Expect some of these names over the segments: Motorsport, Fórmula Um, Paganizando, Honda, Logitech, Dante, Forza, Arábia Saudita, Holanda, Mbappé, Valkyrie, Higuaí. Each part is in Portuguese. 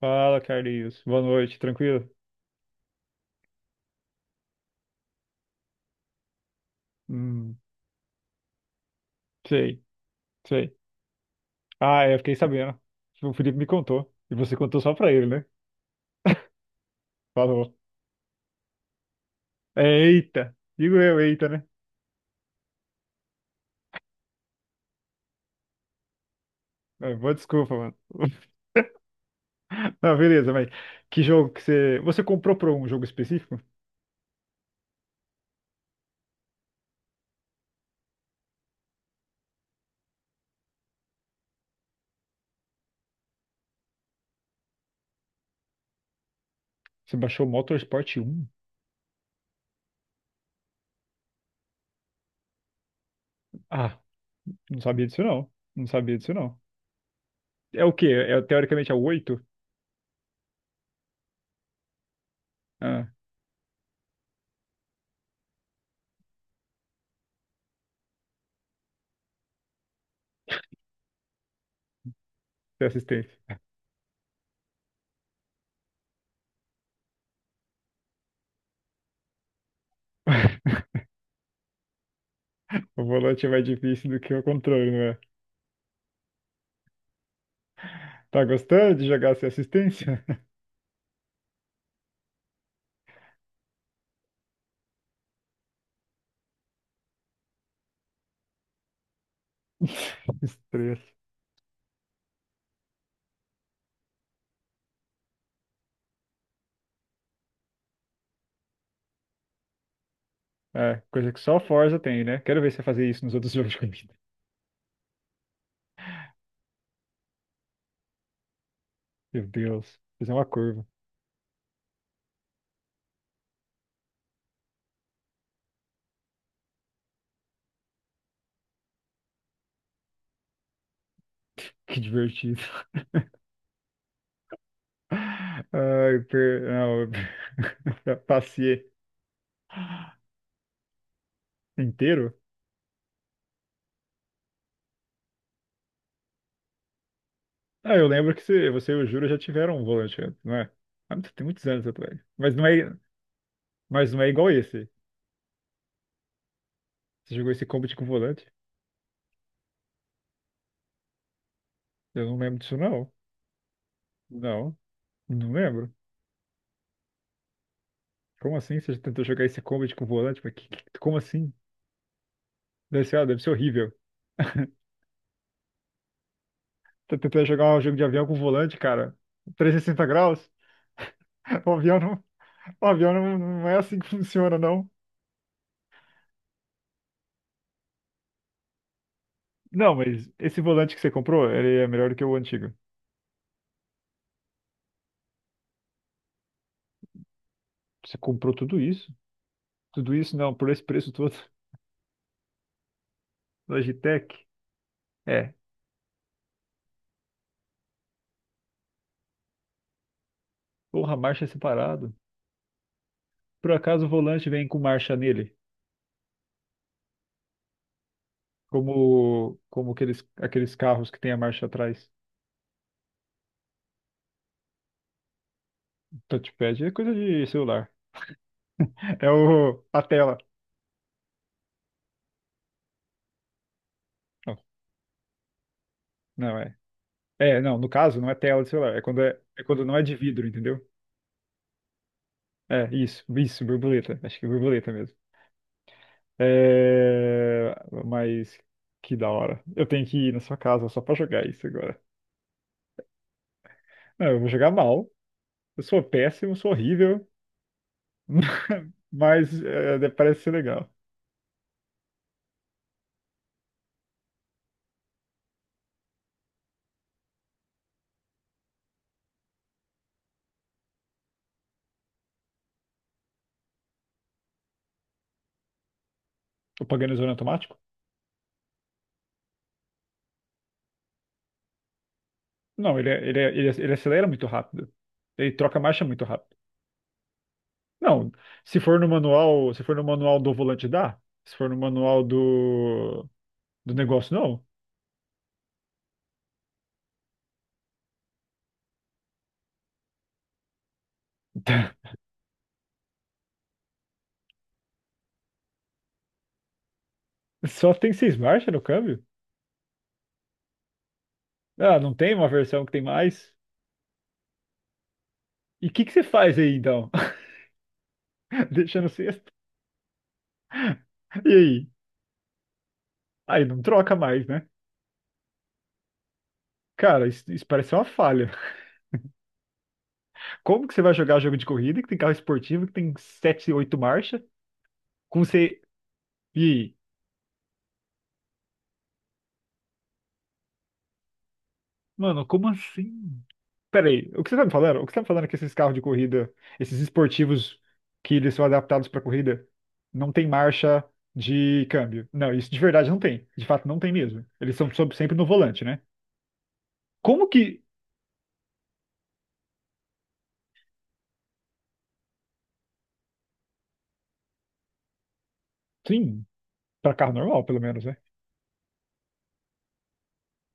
Fala, Carlinhos. Boa noite, tranquilo? Hum, sei, sei. Ah, é, eu fiquei sabendo. O Felipe me contou. E você contou só pra ele, né? Falou. Eita! Digo eu, eita, né? Ah, boa desculpa, mano. Ah, beleza, mas que jogo que você. Você comprou pra um jogo específico? Você baixou Motorsport um? Ah, não sabia disso não. Não sabia disso não. É o quê? É, teoricamente é o 8? Ah, tem assistência. O volante é mais difícil do que o controle, não é? Tá gostando de jogar sem assistência? Estresse. É, coisa que só Forza tem, né? Quero ver você fazer isso nos outros jogos de corrida. Meu Deus, fazer uma curva. Que divertido. Ai, não, passei inteiro. Ah, eu lembro que você e o Júlio já tiveram um volante antes, não é? Tem muitos anos atrás. Mas não é igual esse. Você jogou esse Combat com volante? Eu não lembro disso, não. Não, não lembro. Como assim? Você já tentou jogar esse Combat com volante? Mas como assim? Deve ser horrível. Tô tentando jogar um jogo de avião com um volante, cara. 360 graus? O avião não, o avião não, não é assim que funciona, não. Não, mas esse volante que você comprou, ele é melhor do que o antigo. Você comprou tudo isso? Tudo isso não, por esse preço todo. Logitech? É. Porra, marcha é separado. Por acaso o volante vem com marcha nele? Como aqueles carros que tem a marcha atrás. Touchpad é coisa de celular. É a tela. Não, não é. É, não, no caso não é tela de celular, é quando não é de vidro, entendeu? É, isso, borboleta. Acho que é borboleta mesmo. É, mas que da hora. Eu tenho que ir na sua casa só pra jogar isso agora. Não, eu vou jogar mal. Eu sou péssimo, sou horrível, mas é, parece ser legal. O Paganizando automático? Não, ele acelera muito rápido. Ele troca marcha muito rápido. Não, se for no manual do volante dá. Se for no manual do negócio, não. Só tem seis marchas no câmbio? Ah, não tem uma versão que tem mais? E o que que você faz aí então? Deixa no sexto? E aí? Aí não troca mais, né? Cara, isso parece uma falha. Como que você vai jogar jogo de corrida que tem carro esportivo que tem sete, oito marchas com você. E aí? Mano, como assim? Peraí, o que você tá me falando? O que você tá me falando é que esses carros de corrida, esses esportivos que eles são adaptados pra corrida, não tem marcha de câmbio. Não, isso de verdade não tem. De fato, não tem mesmo. Eles são sempre no volante, né? Como que. Sim, pra carro normal, pelo menos, né?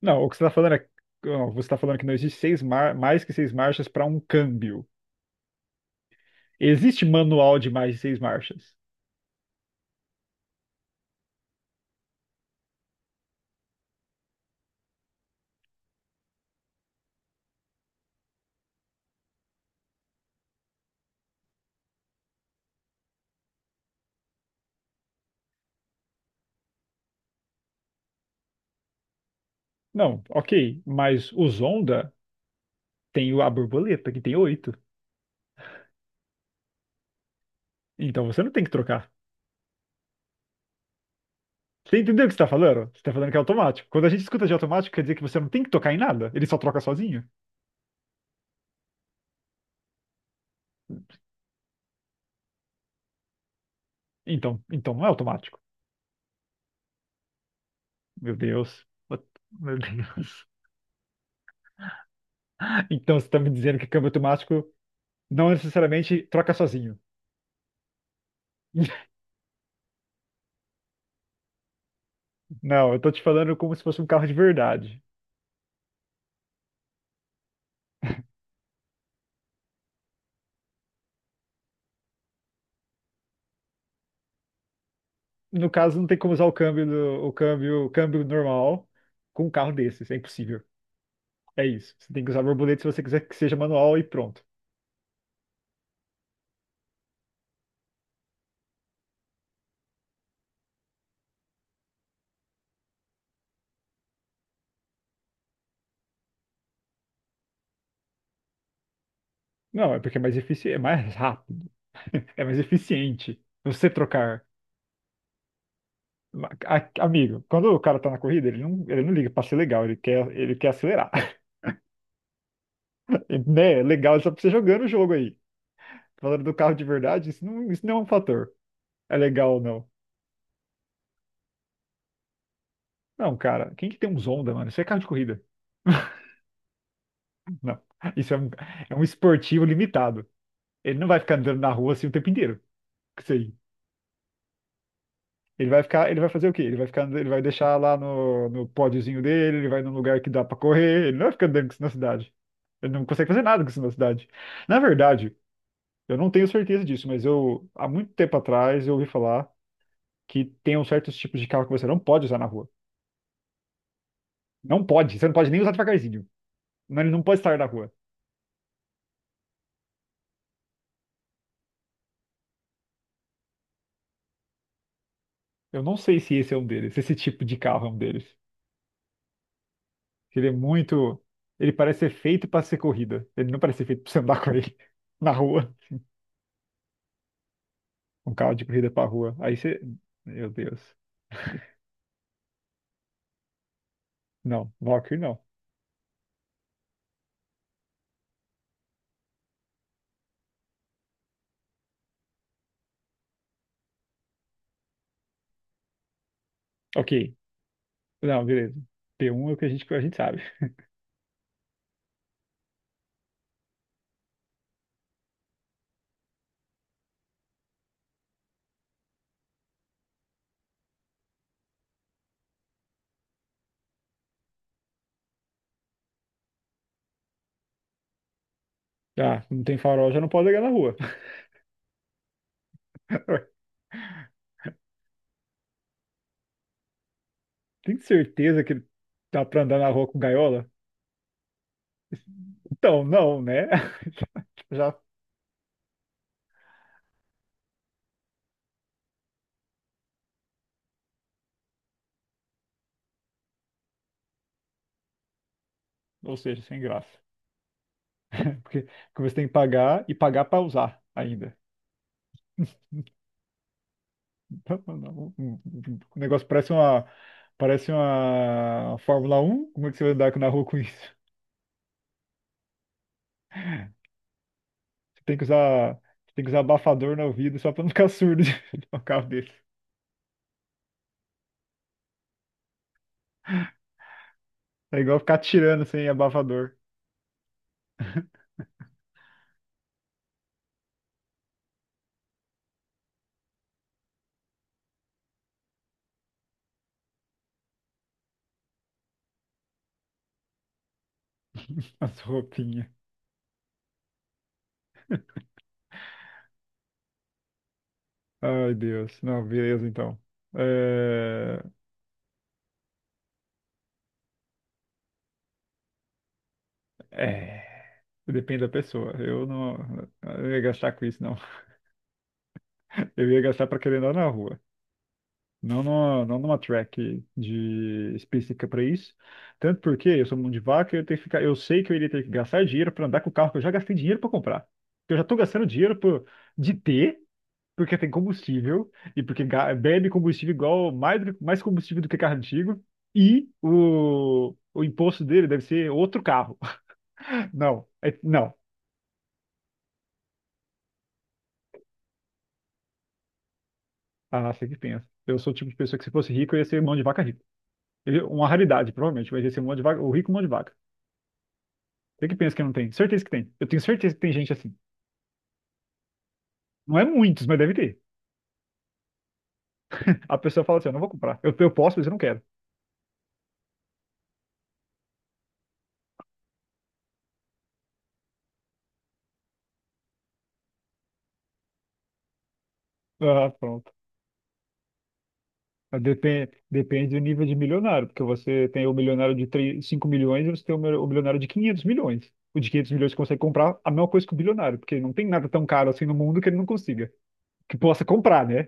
Não, o que você tá falando é. Ó, você tá falando que não existe mais que seis marchas pra um câmbio. Existe manual de mais de seis marchas? Não, ok. Mas os Honda tem a borboleta, que tem oito. Então você não tem que trocar. Você entendeu o que você tá falando? Você tá falando que é automático. Quando a gente escuta de automático, quer dizer que você não tem que tocar em nada? Ele só troca sozinho? Então não é automático. Meu Deus. Meu Deus. Então você está me dizendo que câmbio automático não necessariamente troca sozinho. Não, eu tô te falando como se fosse um carro de verdade. No caso, não tem como usar o câmbio, o câmbio normal com um carro desses. É impossível. É isso. Você tem que usar borboleta se você quiser que seja manual e pronto. Não, é porque é mais eficiente, é mais rápido, é mais eficiente você trocar. Amigo, quando o cara tá na corrida, ele não liga pra ser legal, ele quer acelerar. E, né? Legal é só pra você jogando o jogo aí. Falando do carro de verdade, isso não é um fator. É legal ou não. Não, cara, quem que tem uns Honda, mano? Isso é carro de corrida. Não. Isso é um, esportivo limitado. Ele não vai ficar andando na rua assim o tempo inteiro. Com isso aí. Ele vai ficar, ele vai fazer o quê? Ele vai ficar, ele vai deixar lá no pódiozinho dele, ele vai num lugar que dá pra correr, ele não vai ficar andando com isso na cidade. Ele não consegue fazer nada com isso na cidade. Na verdade, eu não tenho certeza disso, mas eu há muito tempo atrás eu ouvi falar que tem uns certos tipos de carro que você não pode usar na rua. Não pode, você não pode nem usar devagarzinho. Não, ele não pode estar na rua. Eu não sei se esse é um deles, se esse tipo de carro é um deles. Ele é muito, ele parece ser feito para ser corrida. Ele não parece ser feito para você andar com ele na rua. Um carro de corrida para rua. Aí você, meu Deus. Não, Valkyrie não. Ok. Não, beleza. P1 é o que a gente sabe. Ah, não tem farol, já não pode ligar na rua. Tem certeza que dá pra andar na rua com gaiola? Então, não, né? Já, ou seja, sem graça. Porque, porque você tem que pagar e pagar pra usar ainda. Então, não, o negócio parece uma Fórmula 1. Como é que você vai andar na rua com isso? Você tem que usar, você tem que usar abafador no ouvido só pra não ficar surdo de um carro desse. É igual ficar tirando sem abafador as roupinhas. Ai, Deus. Não, beleza, então. É... é. Depende da pessoa. Eu não, eu ia gastar com isso, não. Eu ia gastar para querer andar na rua. Não numa track de específica para isso. Tanto porque eu sou mão de vaca, eu tenho que ficar, eu sei que eu iria ter que gastar dinheiro para andar com o carro que eu já gastei dinheiro para comprar. Eu já estou gastando dinheiro por, de ter, porque tem combustível e porque bebe combustível igual mais, mais combustível do que carro antigo e o imposto dele deve ser outro carro. Não, não. Ah, sei que pensa. Eu sou o tipo de pessoa que se fosse rico, eu ia ser mão de vaca rico. Uma raridade, provavelmente, mas ia ser mão de vaca, o rico mão de vaca. Você que pensa que não tem? Certeza que tem. Eu tenho certeza que tem gente assim. Não é muitos, mas deve ter. A pessoa fala assim, eu não vou comprar. Eu posso, mas eu não quero. Ah, pronto. Depende do nível de milionário, porque você tem o milionário de 3, 5 milhões e você tem o o milionário de 500 milhões. O de 500 milhões consegue comprar a mesma coisa que o bilionário, porque não tem nada tão caro assim no mundo que ele não consiga. Que possa comprar, né?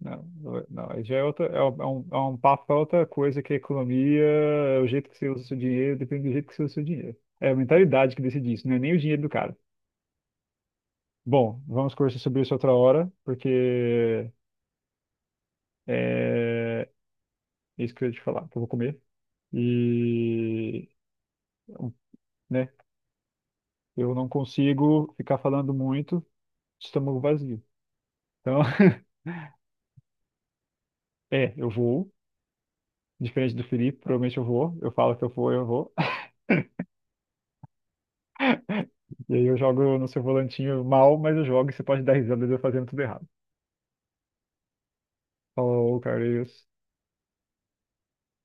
Não, não, aí já é outra, é um papo pra outra coisa que a economia, é o jeito que você usa o seu dinheiro, depende do jeito que você usa o seu dinheiro. É a mentalidade que decide isso, não é nem o dinheiro do cara. Bom, vamos conversar sobre isso outra hora, porque é isso que eu ia te falar, que eu vou comer. E, né, eu não consigo ficar falando muito de estômago vazio. Então, é, eu vou, diferente do Felipe, provavelmente eu vou, eu falo que eu vou, eu vou. E aí eu jogo no seu volantinho mal, mas eu jogo e você pode dar risada de eu fazendo tudo errado. Falou, Carlinhos.